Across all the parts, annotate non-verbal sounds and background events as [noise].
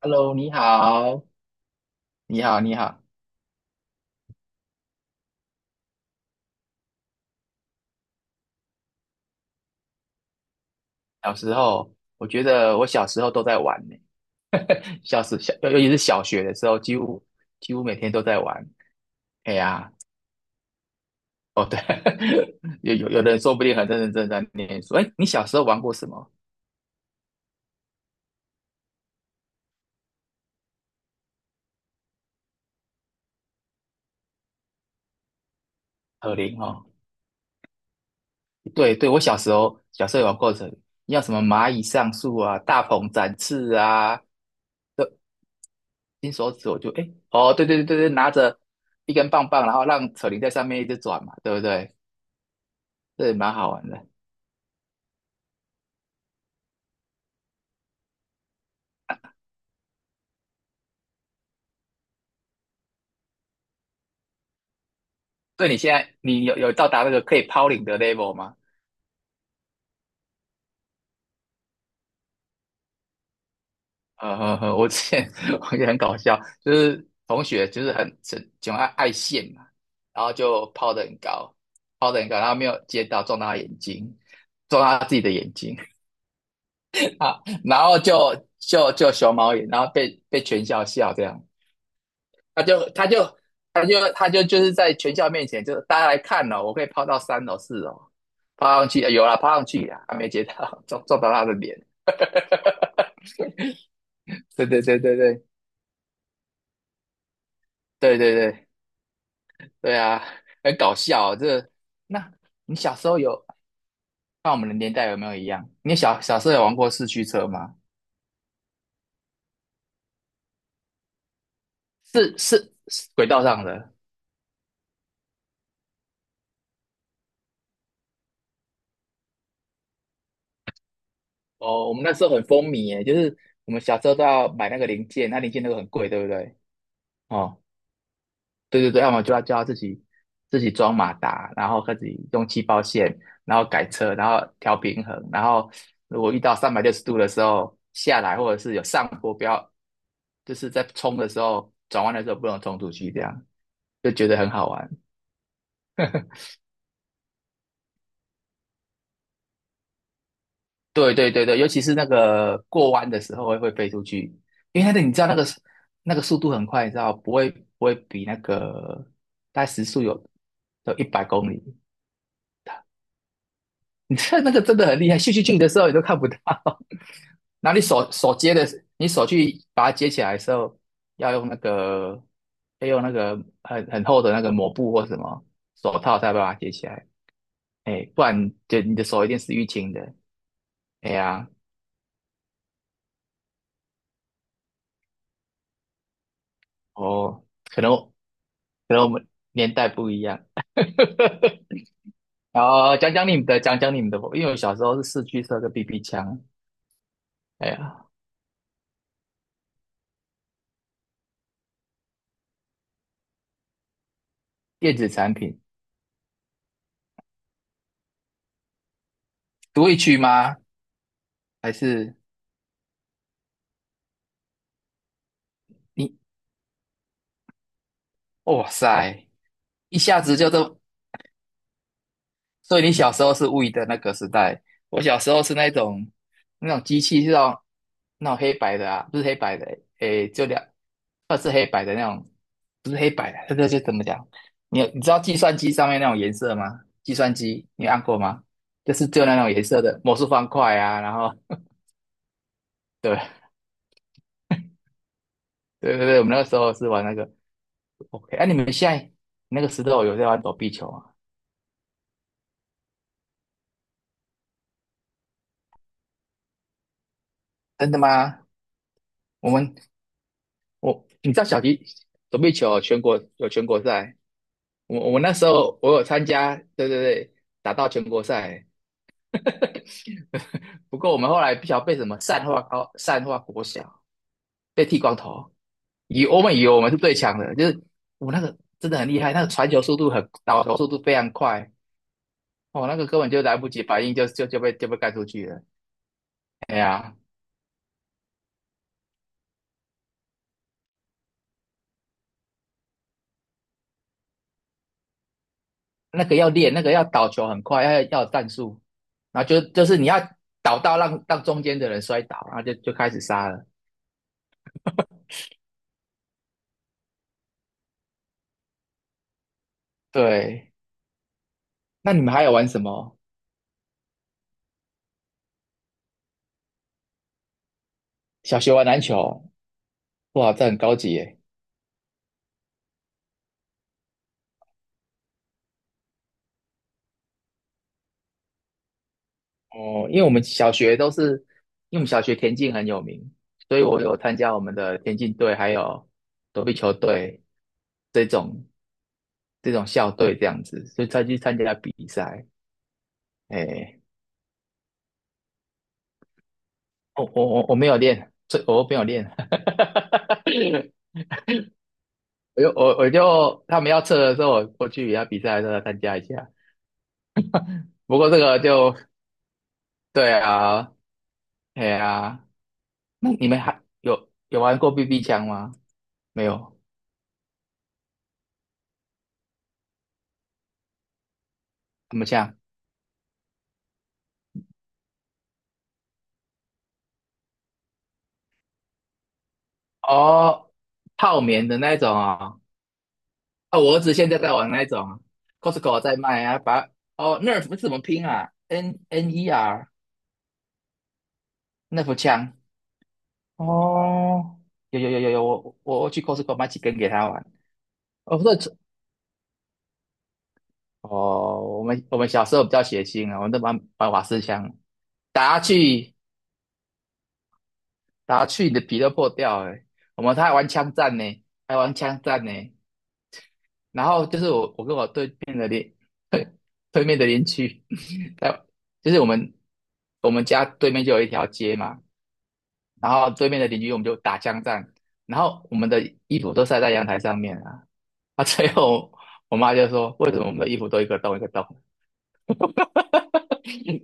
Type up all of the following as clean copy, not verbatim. Hello，你好，你好，你好。小时候，我觉得我小时候都在玩呢，小时小，尤其是小学的时候，几乎每天都在玩。哎呀，哦对，[laughs] 有的人说不定很认认真真在念书。哎，你小时候玩过什么？扯铃哦，对对，我小时候有玩过扯铃，像什么蚂蚁上树啊、大鹏展翅啊，这金手指我就哦对对对对对，拿着一根棒棒，然后让扯铃在上面一直转嘛，对不对？这也蛮好玩的。对你现在你有到达那个可以抛领的 level 吗？呵呵我之前 [laughs] 我也很搞笑，就是同学就是很喜爱线嘛，然后就抛得很高，抛得很高，然后没有接到，撞到他眼睛，撞到他自己的眼睛 [laughs] 啊，然后就熊猫眼，然后被全校笑这样，他就他就他就他就就是在全校面前，就是大家来看哦，我可以抛到三楼四楼，抛上去有啦，抛上去啦，还没接到，[laughs] 撞到他的脸，对对对对对。对对对对啊，很搞笑哦那你小时候有看我们的年代有没有一样？你小时候有玩过四驱车吗？是是是轨道上的哦。我们那时候很风靡耶，就是我们小时候都要买那个零件，那零件那个很贵，对不对？哦，对对对，要么就要自己装马达，然后自己用气泡线，然后改车，然后调平衡，然后如果遇到360度的时候下来，或者是有上坡，不要就是在冲的时候，转弯的时候不能冲出去，这样就觉得很好玩。对对对对，尤其是那个过弯的时候会飞出去，因为那个你知道那个速度很快，你知道不会比那个大概时速有100公里，[laughs] 你知道那个真的很厉害，咻咻咻的时候你都看不到，[laughs] 然后你手接的，你手去把它接起来的时候，要用那个要用那个很厚的那个抹布或什么手套才把它接起来。哎，不然就你的手一定是淤青的。哎呀，哦，可能我们年代不一样。[laughs] 然后讲讲你们的，因为我小时候是四驱车跟 BB 枪。哎呀，电子产品，独立区吗？还是你？哇塞，一下子就所以你小时候是 w 的那个时代，我小时候是那种机器是那种那种黑白的啊，不是黑白的，诶，就两，二是黑白的那种，不是黑白的，这个就怎么讲？你知道计算机上面那种颜色吗？计算机你按过吗？就那种颜色的魔术方块啊，然后 [laughs] 对对对对，我们那个时候是玩那个 OK,你们现在那个时候有在玩躲避球啊？真的吗？我们我你知道小鸡躲避球全国有全国赛。我那时候我有参加，对对对，打到全国赛，[laughs] 不过我们后来不晓得被什么善化高、善化国小被剃光头，我们以为我们是最强的，就是我那个真的很厉害，那个传球速度很，倒球速度非常快，哦，那个根本就来不及反应就被干出去了。哎呀，那个要练，那个要倒球很快，要有战术，然后就是你要倒到让中间的人摔倒，然后就开始杀了。对，那你们还有玩什么？小学玩篮球。哇，这很高级耶！哦，因为我们小学田径很有名，所以我有参加我们的田径队，还有躲避球队这种这种校队这样子，所以才去参加比赛。哎，我没有练，我没有练，[laughs] 我就我我就他们要测的时候，我去比赛的时候参加一下。不过这个就对啊，哎啊，那你们还有玩过 BB 枪吗？没有，什么枪？哦，泡棉的那种哦，哦，我儿子现在在玩那种，Costco 在卖啊，哦 Nerf 是怎么拼啊？N N E R Nerf 枪哦，有有有有有，我去 Costco 买几根给他玩。哦，不是，哦，我们小时候比较血腥啊，我们都玩瓦斯枪，打下去打下去你的皮都破掉了。他还玩枪战呢，还玩枪战呢。然后就是我跟我对面的邻居，[laughs] 在就是我们家对面就有一条街嘛，然后对面的邻居我们就打枪战，然后我们的衣服都晒在阳台上面啊，啊，最后我妈就说为什么我们的衣服都一个洞一个洞，[laughs]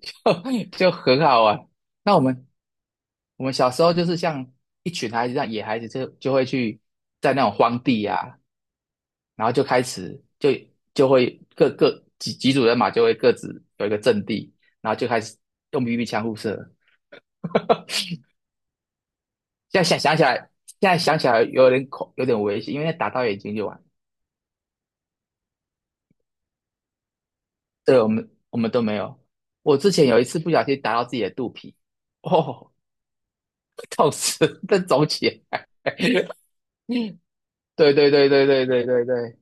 就很好玩。那我们小时候就是像一群孩子，像野孩子就会去在那种荒地啊，然后就开始就就会各各几组人马就会各自有一个阵地，然后就开始用 BB 枪互射。现在想想起来，现在想起来有点危险，因为打到眼睛就完。对，我们都没有。我之前有一次不小心打到自己的肚皮，哦，痛死，再走起来。[laughs] 对对对对对对对对，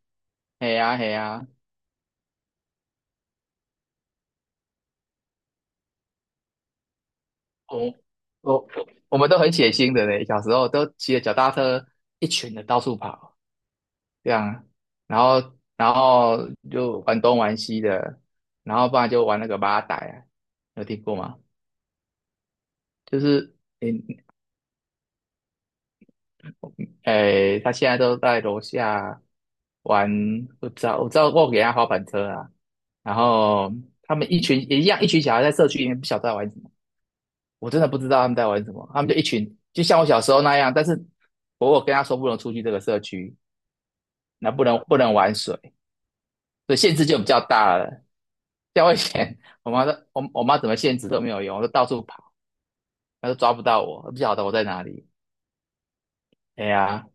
嘿呀嘿呀，我我我我们都很血腥的嘞，小时候都骑着脚踏车一群的到处跑。这样啊，然后就玩东玩西的，然后不然就玩那个八仔啊，有听过吗？就是诶他现在都在楼下玩，我知道我知道我给他滑板车啊，然后他们一群也一样，一群小孩在社区里面不晓得在玩什么，我真的不知道他们在玩什么，他们就一群就像我小时候那样，但是我跟他说不能出去这个社区，那不能玩水，所以限制就比较大了。教危前，我妈说，我妈怎么限制都没有用，我都到处跑，她都抓不到我，不晓得我在哪里。哎呀，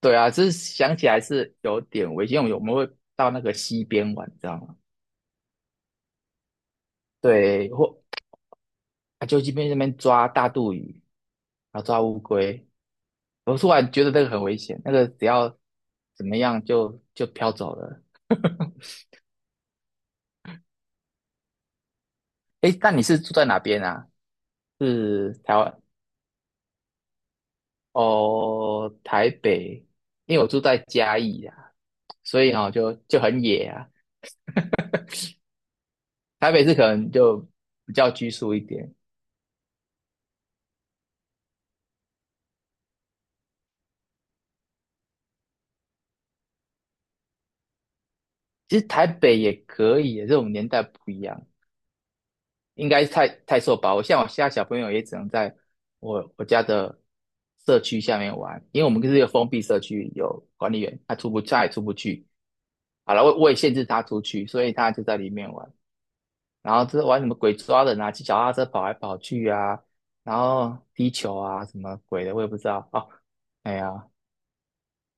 对啊，就是想起来是有点危险，因为我们会到那个溪边玩，你知道吗？对，或啊就这边那边抓大肚鱼，然后抓乌龟。我突然觉得那个很危险，那个只要怎么样就飘走了。哎，那你是住在哪边啊？是台湾哦，台北，因为我住在嘉义啊，所以就很野啊。台北是可能就比较拘束一点，其实台北也可以，这种年代不一样，应该太受保护。像我现在小朋友也只能在我家的社区下面玩，因为我们是一个封闭社区，有管理员，他也出不去。好了，我也限制他出去，所以他就在里面玩。然后就是玩什么鬼抓人啊，骑脚踏车跑来跑去啊，然后踢球啊，什么鬼的，我也不知道。哦，哎呀，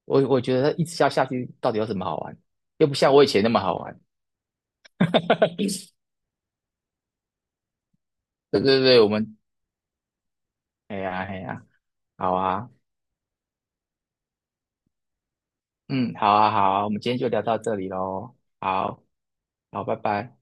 我觉得一直下去到底有什么好玩？又不像我以前那么好玩。[laughs] 对对对，哎呀哎呀，好啊，嗯，好啊好啊，我们今天就聊到这里喽。好，好，拜拜。